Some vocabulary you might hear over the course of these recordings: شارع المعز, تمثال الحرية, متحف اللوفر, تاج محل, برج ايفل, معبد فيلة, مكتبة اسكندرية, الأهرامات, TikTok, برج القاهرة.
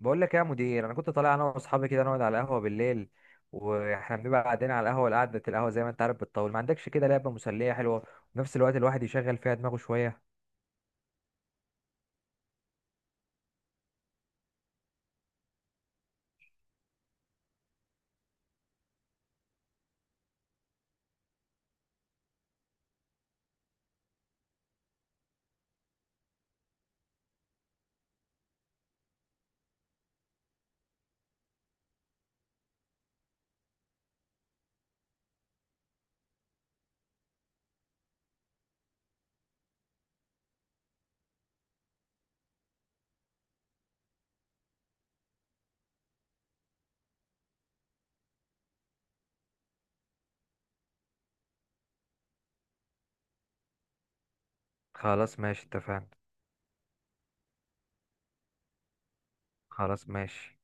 بقول لك يا مدير، انا كنت طالع انا واصحابي كده نقعد على القهوه بالليل. واحنا بنبقى قاعدين على القهوه زي ما انت عارف بتطول، ما عندكش كده لعبه مسليه حلوه وفي نفس الوقت الواحد يشغل فيها دماغه شويه؟ خلاص ماشي اتفقنا. خلاص ماشي.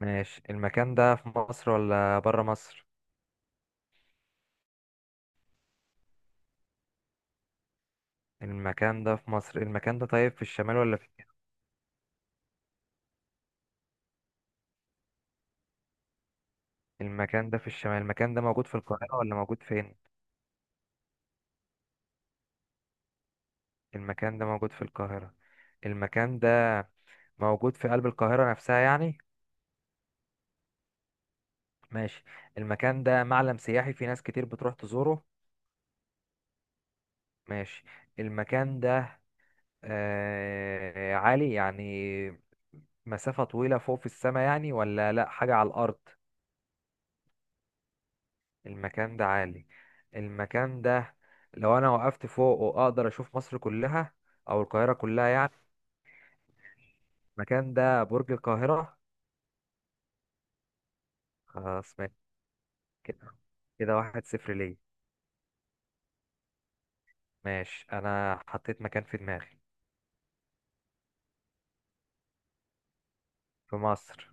ماشي، المكان ده في مصر ولا بره مصر؟ المكان ده في مصر. المكان ده طيب في الشمال ولا في؟ المكان ده في الشمال. المكان ده موجود في القاهره ولا موجود فين؟ المكان ده موجود في القاهره. المكان ده موجود في قلب القاهره نفسها يعني. ماشي. المكان ده معلم سياحي في ناس كتير بتروح تزوره؟ ماشي. المكان ده عالي يعني، مسافة طويلة فوق في السماء يعني، ولا لا، حاجة على الأرض؟ المكان ده عالي. المكان ده لو أنا وقفت فوق وأقدر أشوف مصر كلها أو القاهرة كلها يعني؟ المكان ده برج القاهرة. خلاص ماشي. كده، كده 1-0 ليا. ماشي، أنا حطيت مكان في دماغي. في مصر.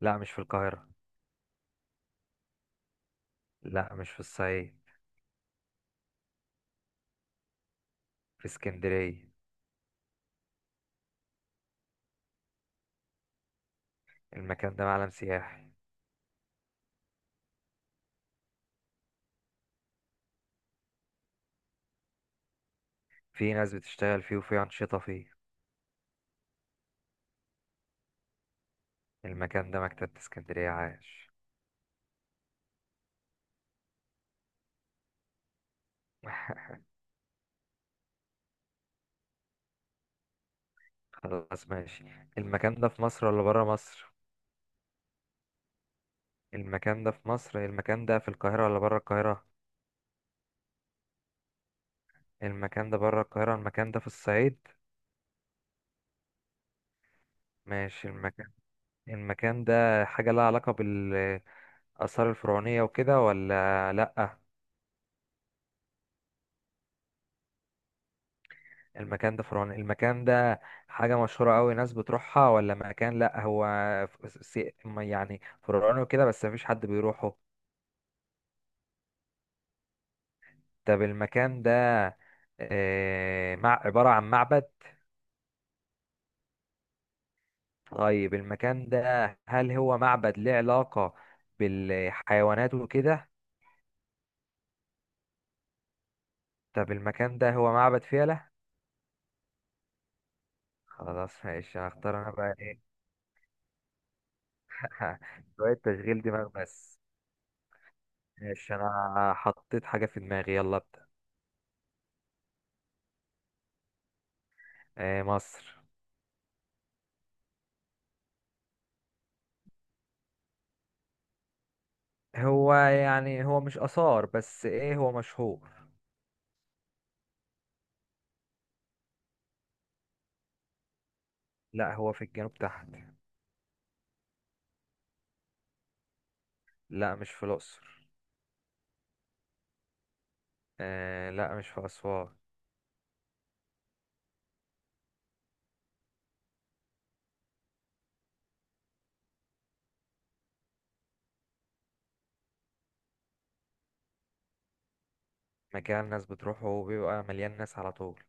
لا مش في القاهرة. لا مش في الصعيد. في اسكندرية. المكان ده معلم سياحي في ناس بتشتغل فيه وفي أنشطة فيه. المكان ده مكتبة اسكندرية. عاش. خلاص ماشي. المكان ده في مصر ولا برا مصر؟ المكان ده في مصر. المكان ده في القاهرة ولا برا القاهرة؟ المكان ده برا القاهرة. المكان ده في الصعيد. ماشي. المكان ده حاجة لها علاقة بالآثار الفرعونية وكده ولا لأ؟ المكان ده فرعوني. المكان ده حاجة مشهورة أوي ناس بتروحها، ولا مكان لأ هو ف- سي- ما يعني فرعوني وكده بس مفيش حد بيروحه؟ طب المكان ده آه، مع عبارة عن معبد. طيب المكان ده، هل هو معبد ليه علاقة بالحيوانات وكده؟ طب المكان ده هو معبد فيلة. خلاص ماشي، هختار أنا بقى إيه. شوية تشغيل دماغ بس. ماشي، أنا حطيت حاجة في دماغي، يلا ابدأ. مصر. هو يعني هو مش آثار بس ايه، هو مشهور. لا هو في الجنوب تحت. لا مش في الأقصر. آه لا، مش في أسوان. مكان الناس بتروحه وبيبقى مليان ناس على طول.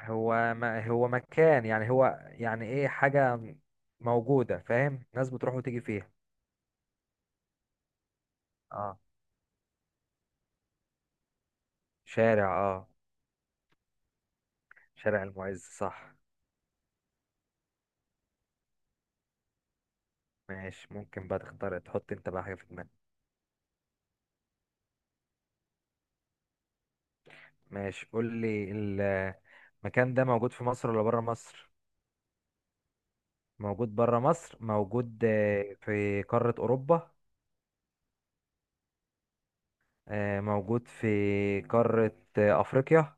هو ما هو مكان يعني، هو يعني ايه، حاجة موجودة فاهم، ناس بتروح وتيجي فيها. اه. شارع اه. شارع المعز، صح. ماشي، ممكن بقى تختار تحط انت بقى حاجة في دماغك. ماشي قول لي. المكان ده موجود في مصر ولا بره مصر؟ موجود بره مصر. موجود في قارة أوروبا؟ موجود في قارة أفريقيا؟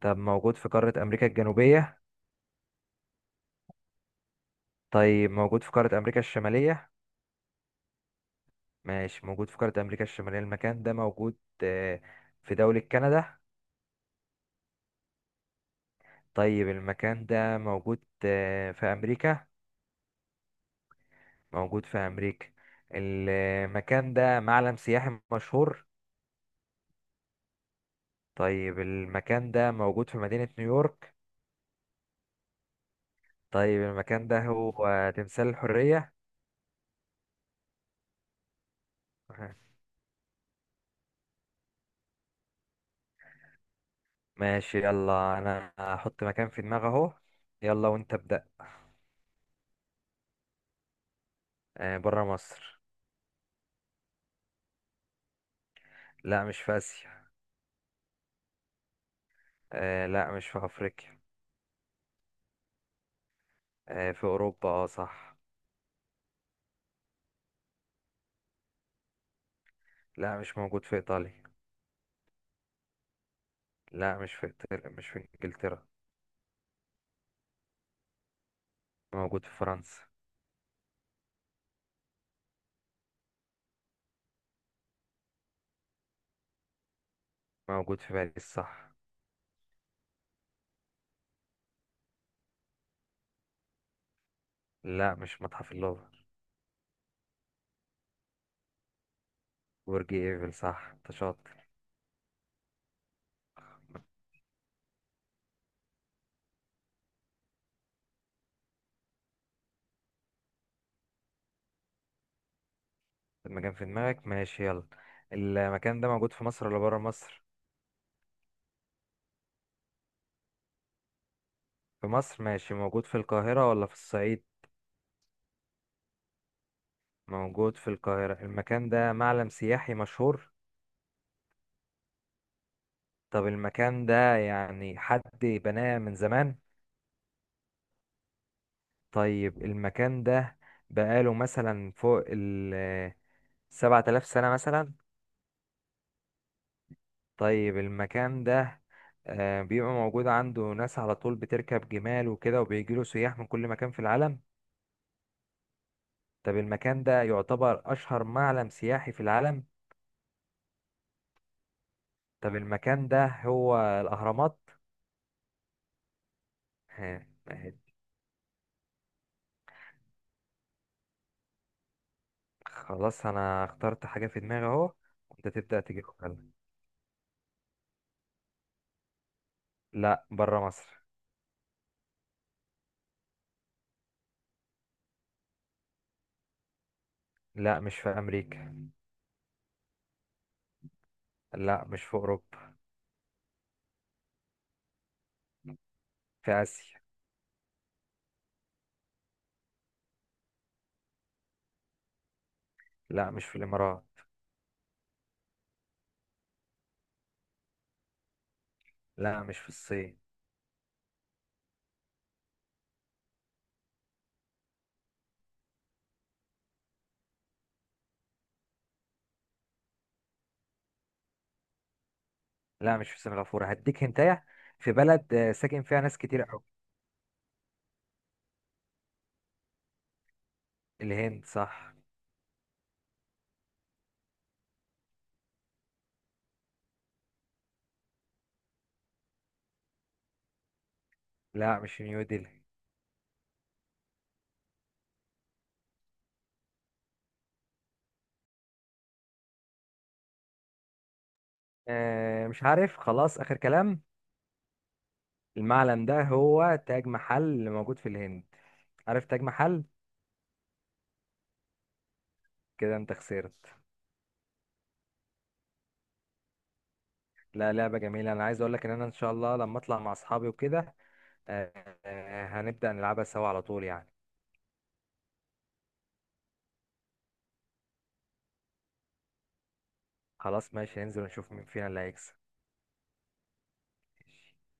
طب موجود في قارة أمريكا الجنوبية؟ طيب موجود في قارة أمريكا الشمالية. ماشي، موجود في قارة أمريكا الشمالية. المكان ده موجود آه، في دولة كندا؟ طيب المكان ده موجود في أمريكا. موجود في أمريكا. المكان ده معلم سياحي مشهور. طيب المكان ده موجود في مدينة نيويورك. طيب المكان ده هو تمثال الحرية. ماشي يلا، انا هحط مكان في دماغي اهو، يلا وانت ابدأ. آه بره مصر. لا مش في اسيا. آه لا، مش في افريقيا. آه في اوروبا، اه صح. لا مش موجود في ايطاليا. لا مش في إيطاليا، مش في انجلترا. موجود في فرنسا. موجود في باريس، صح. لا مش متحف اللوفر. برج ايفل صح، انت شاطر. المكان في دماغك ماشي يلا. المكان ده موجود في مصر ولا بره مصر؟ في مصر. ماشي، موجود في القاهرة ولا في الصعيد؟ موجود في القاهرة. المكان ده معلم سياحي مشهور. طب المكان ده يعني حد بناه من زمان؟ طيب المكان ده بقاله مثلا فوق ال 7000 سنة مثلا. طيب المكان ده بيبقى موجود عنده ناس على طول بتركب جمال وكده، وبيجيله سياح من كل مكان في العالم. طب المكان ده يعتبر أشهر معلم سياحي في العالم. طب المكان ده هو الأهرامات. آه، آه، خلاص أنا اخترت حاجة في دماغي أهو، وأنت تبدأ تجيبها. لا بره مصر. لا مش في أمريكا. لا مش في أوروبا. في آسيا. لا مش في الإمارات. لا مش في الصين. لا مش في سنغافورة، هديك هنتايا. في بلد ساكن فيها ناس كتير أوي. الهند صح. لا مش في نيودلهي. آه مش عارف خلاص، آخر كلام. المعلم ده هو تاج محل اللي موجود في الهند. عارف تاج محل. كده انت خسرت. لا لعبة جميلة، انا عايز اقول لك ان انا ان شاء الله لما اطلع مع اصحابي وكده، آه، هنبدأ نلعبها سوا على طول يعني. خلاص ماشي، ننزل ونشوف مين فينا اللي هيكسب. ماشي.